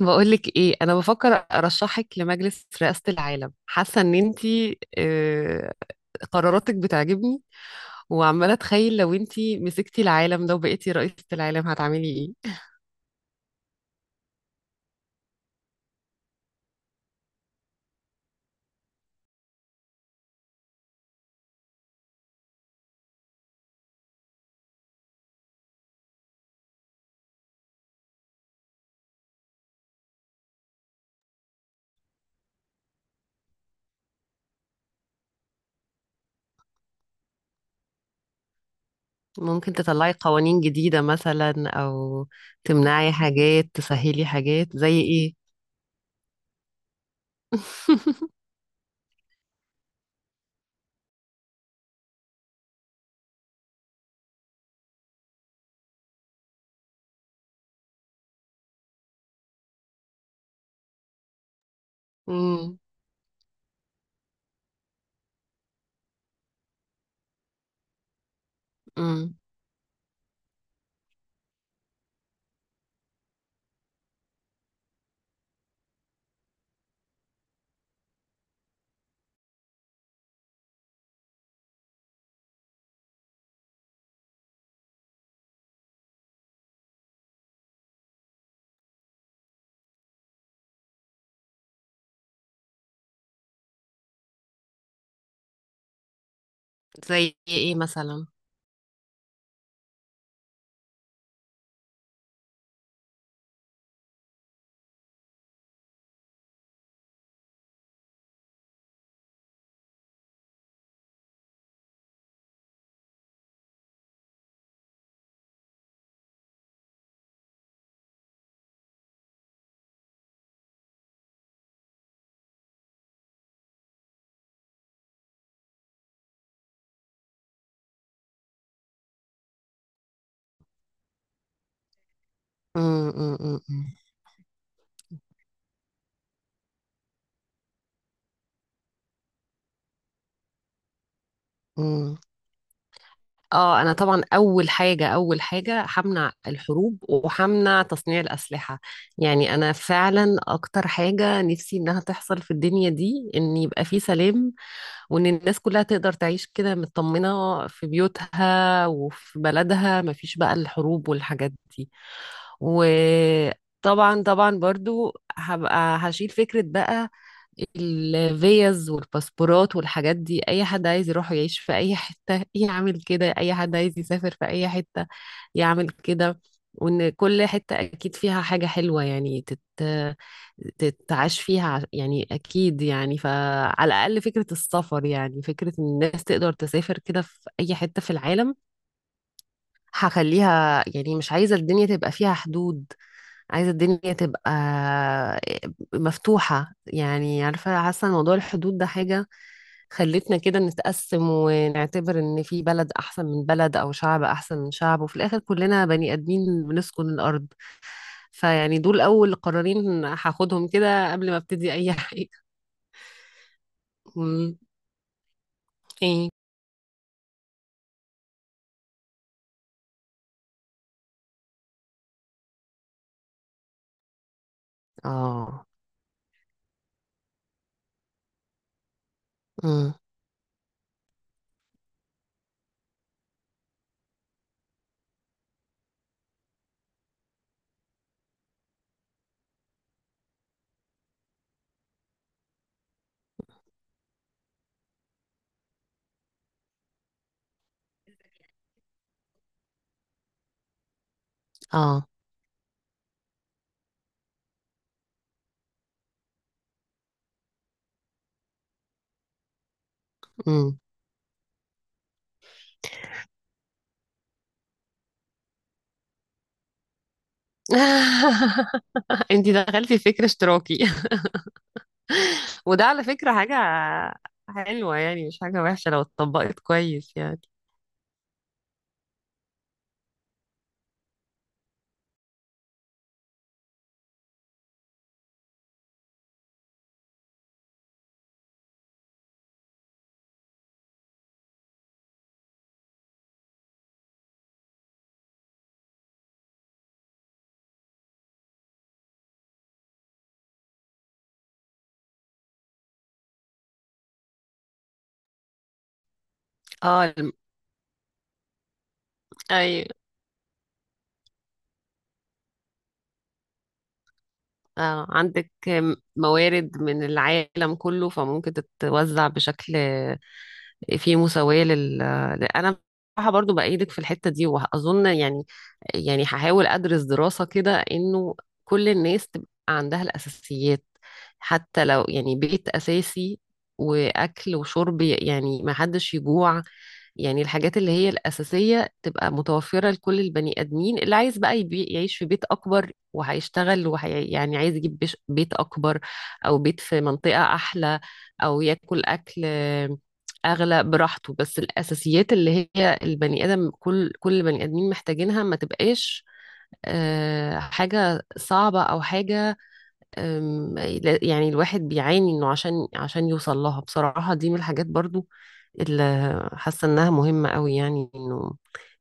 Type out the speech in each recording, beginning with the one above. بقولك ايه؟ انا بفكر ارشحك لمجلس رئاسة العالم. حاسة ان انتي قراراتك بتعجبني. وعمالة اتخيل لو انتي مسكتي العالم ده وبقيتي رئيسة العالم هتعملي ايه؟ ممكن تطلعي قوانين جديدة مثلا، او تمنعي حاجات، تسهلي حاجات، زي ايه؟ مم، مم. زي ايه مثلا؟ مم، مم، مم، مم. اه، انا طبعا اول حاجه همنع الحروب وهمنع تصنيع الاسلحه. يعني انا فعلا اكتر حاجه نفسي انها تحصل في الدنيا دي ان يبقى في سلام، وان الناس كلها تقدر تعيش كده مطمنه في بيوتها وفي بلدها، مفيش بقى الحروب والحاجات دي. وطبعا طبعا برضو هبقى هشيل فكره بقى الفيز والباسبورات والحاجات دي. اي حد عايز يروح يعيش في اي حتة يعمل كده، اي حد عايز يسافر في اي حتة يعمل كده. وان كل حتة اكيد فيها حاجة حلوة، يعني تتعاش فيها يعني اكيد، يعني فعلى الاقل فكرة السفر، يعني فكرة ان الناس تقدر تسافر كده في اي حتة في العالم هخليها. يعني مش عايزة الدنيا تبقى فيها حدود، عايزة الدنيا تبقى مفتوحة. يعني عارفة، حاسة إن موضوع الحدود ده حاجة خلتنا كده نتقسم ونعتبر ان في بلد احسن من بلد او شعب احسن من شعب، وفي الاخر كلنا بني ادمين بنسكن الارض. فيعني دول اول قرارين هاخدهم كده قبل ما ابتدي اي حاجة. مم. ايه؟ اه. مم. اه. مم. انتي دخلتي في فكر اشتراكي. وده على فكرة حاجة حلوة، يعني مش حاجة وحشة لو اتطبقت كويس يعني. اه. أيوة. آه، عندك موارد من العالم كله فممكن تتوزع بشكل فيه مساواة. أنا بصراحة برضو بأيدك في الحتة دي، وأظن يعني هحاول أدرس دراسة كده إنه كل الناس تبقى عندها الأساسيات، حتى لو يعني بيت أساسي وأكل وشرب، يعني ما حدش يجوع. يعني الحاجات اللي هي الأساسية تبقى متوفرة لكل البني آدمين. اللي عايز بقى يعيش في بيت أكبر وهيشتغل يعني عايز يجيب بيت أكبر، أو بيت في منطقة أحلى، أو ياكل أكل أغلى براحته. بس الأساسيات اللي هي البني آدم، كل بني آدمين محتاجينها، ما تبقاش حاجة صعبة أو حاجة. أم، لا- يعني الواحد بيعاني انه عشان يوصل لها بصراحة. دي من الحاجات برضو اللي حاسة انها مهمة قوي، يعني انه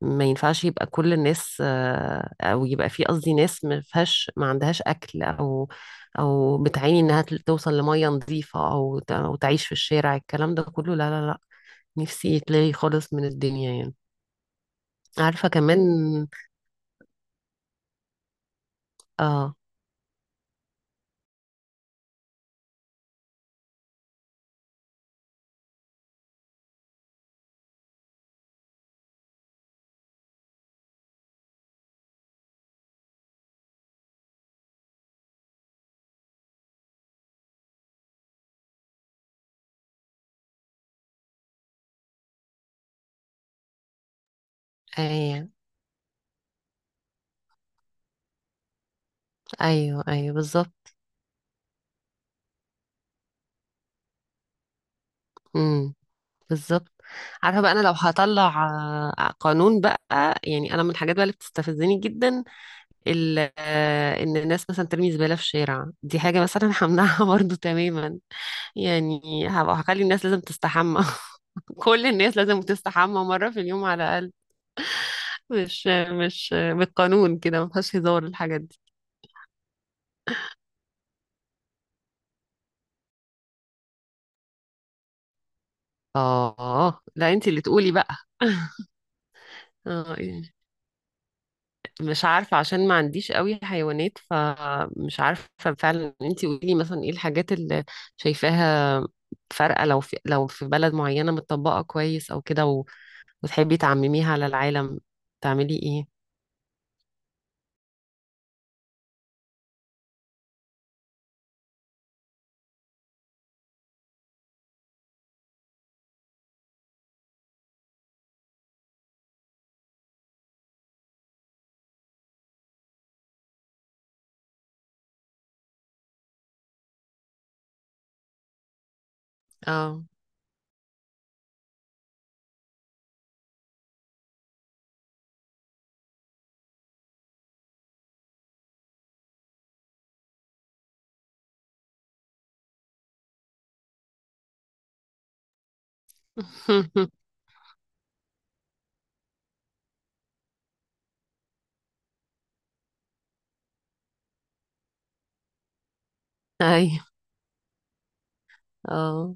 ما ينفعش يبقى كل الناس او يبقى في، قصدي، ناس ما فيهاش ما عندهاش اكل، او بتعاني انها توصل لمية نظيفة، او تعيش في الشارع. الكلام ده كله لا لا لا. نفسي يتلغي خالص من الدنيا يعني. عارفة كمان. اه. ايوه، ايوه، ايوه، بالظبط. إمم. بالظبط. عارفه بقى انا لو هطلع قانون بقى. يعني انا من الحاجات بقى اللي بتستفزني جدا ان الناس مثلا ترمي زباله في الشارع، دي حاجه مثلا همنعها برضو تماما. يعني هبقى هخلي الناس لازم تستحمى. كل الناس لازم تستحمى مره في اليوم على الاقل. مش مش بالقانون كده، ما فيهاش هزار الحاجات دي. اه، لا، انت اللي تقولي بقى. اه يعني مش عارفة عشان ما عنديش قوي حيوانات فمش عارفة. فعلا انتي قولي مثلا ايه الحاجات اللي شايفاها فارقة، لو في بلد معينة متطبقة كويس او كده وتحبي تعمميها على العالم، تعملي ايه؟ اه. ايوه. اه.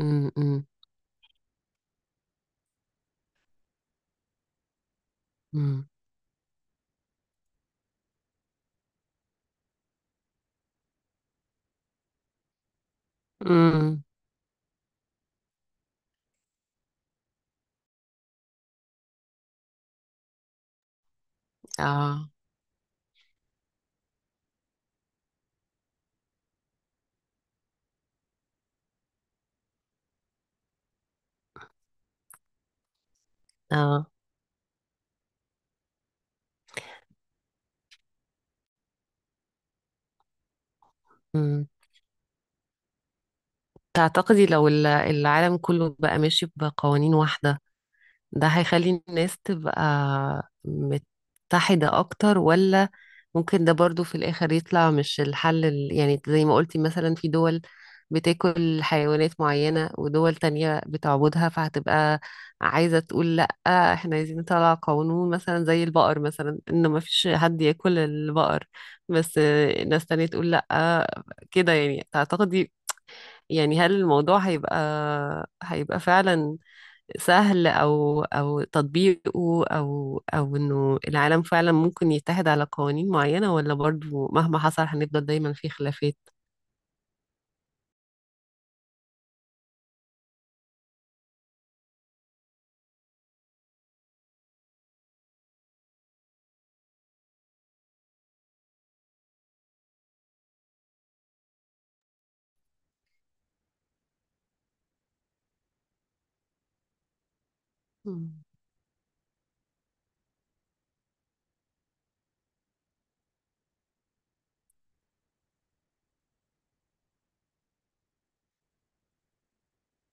أم، أم، أم، أم. اه. اه. أم. تعتقدي لو العالم كله بقى ماشي بقوانين واحدة، ده هيخلي الناس تبقى متحدة أكتر؟ ولا ممكن ده برضو في الآخر يطلع مش الحل، يعني زي ما قلتي مثلا في دول بتاكل حيوانات معينة ودول تانية بتعبدها، فهتبقى عايزة تقول لأ، احنا عايزين نطلع قانون مثلا زي البقر مثلا إن ما فيش حد ياكل البقر. بس ناس تانية تقول لأ كده. يعني تعتقدي، يعني هل الموضوع هيبقى فعلا سهل، او تطبيقه، او انه العالم فعلا ممكن يتحد على قوانين معينة، ولا برضو مهما حصل هنفضل دايما في خلافات؟ مم.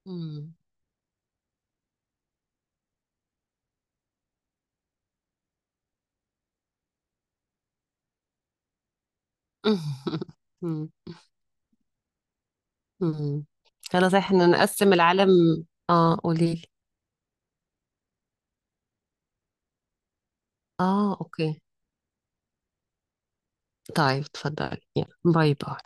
مم. مم. مم. انا صحيح ان نقسم العالم. اه، قوليلي. اه، اوكي. طيب اتفضلي. يلا. باي باي.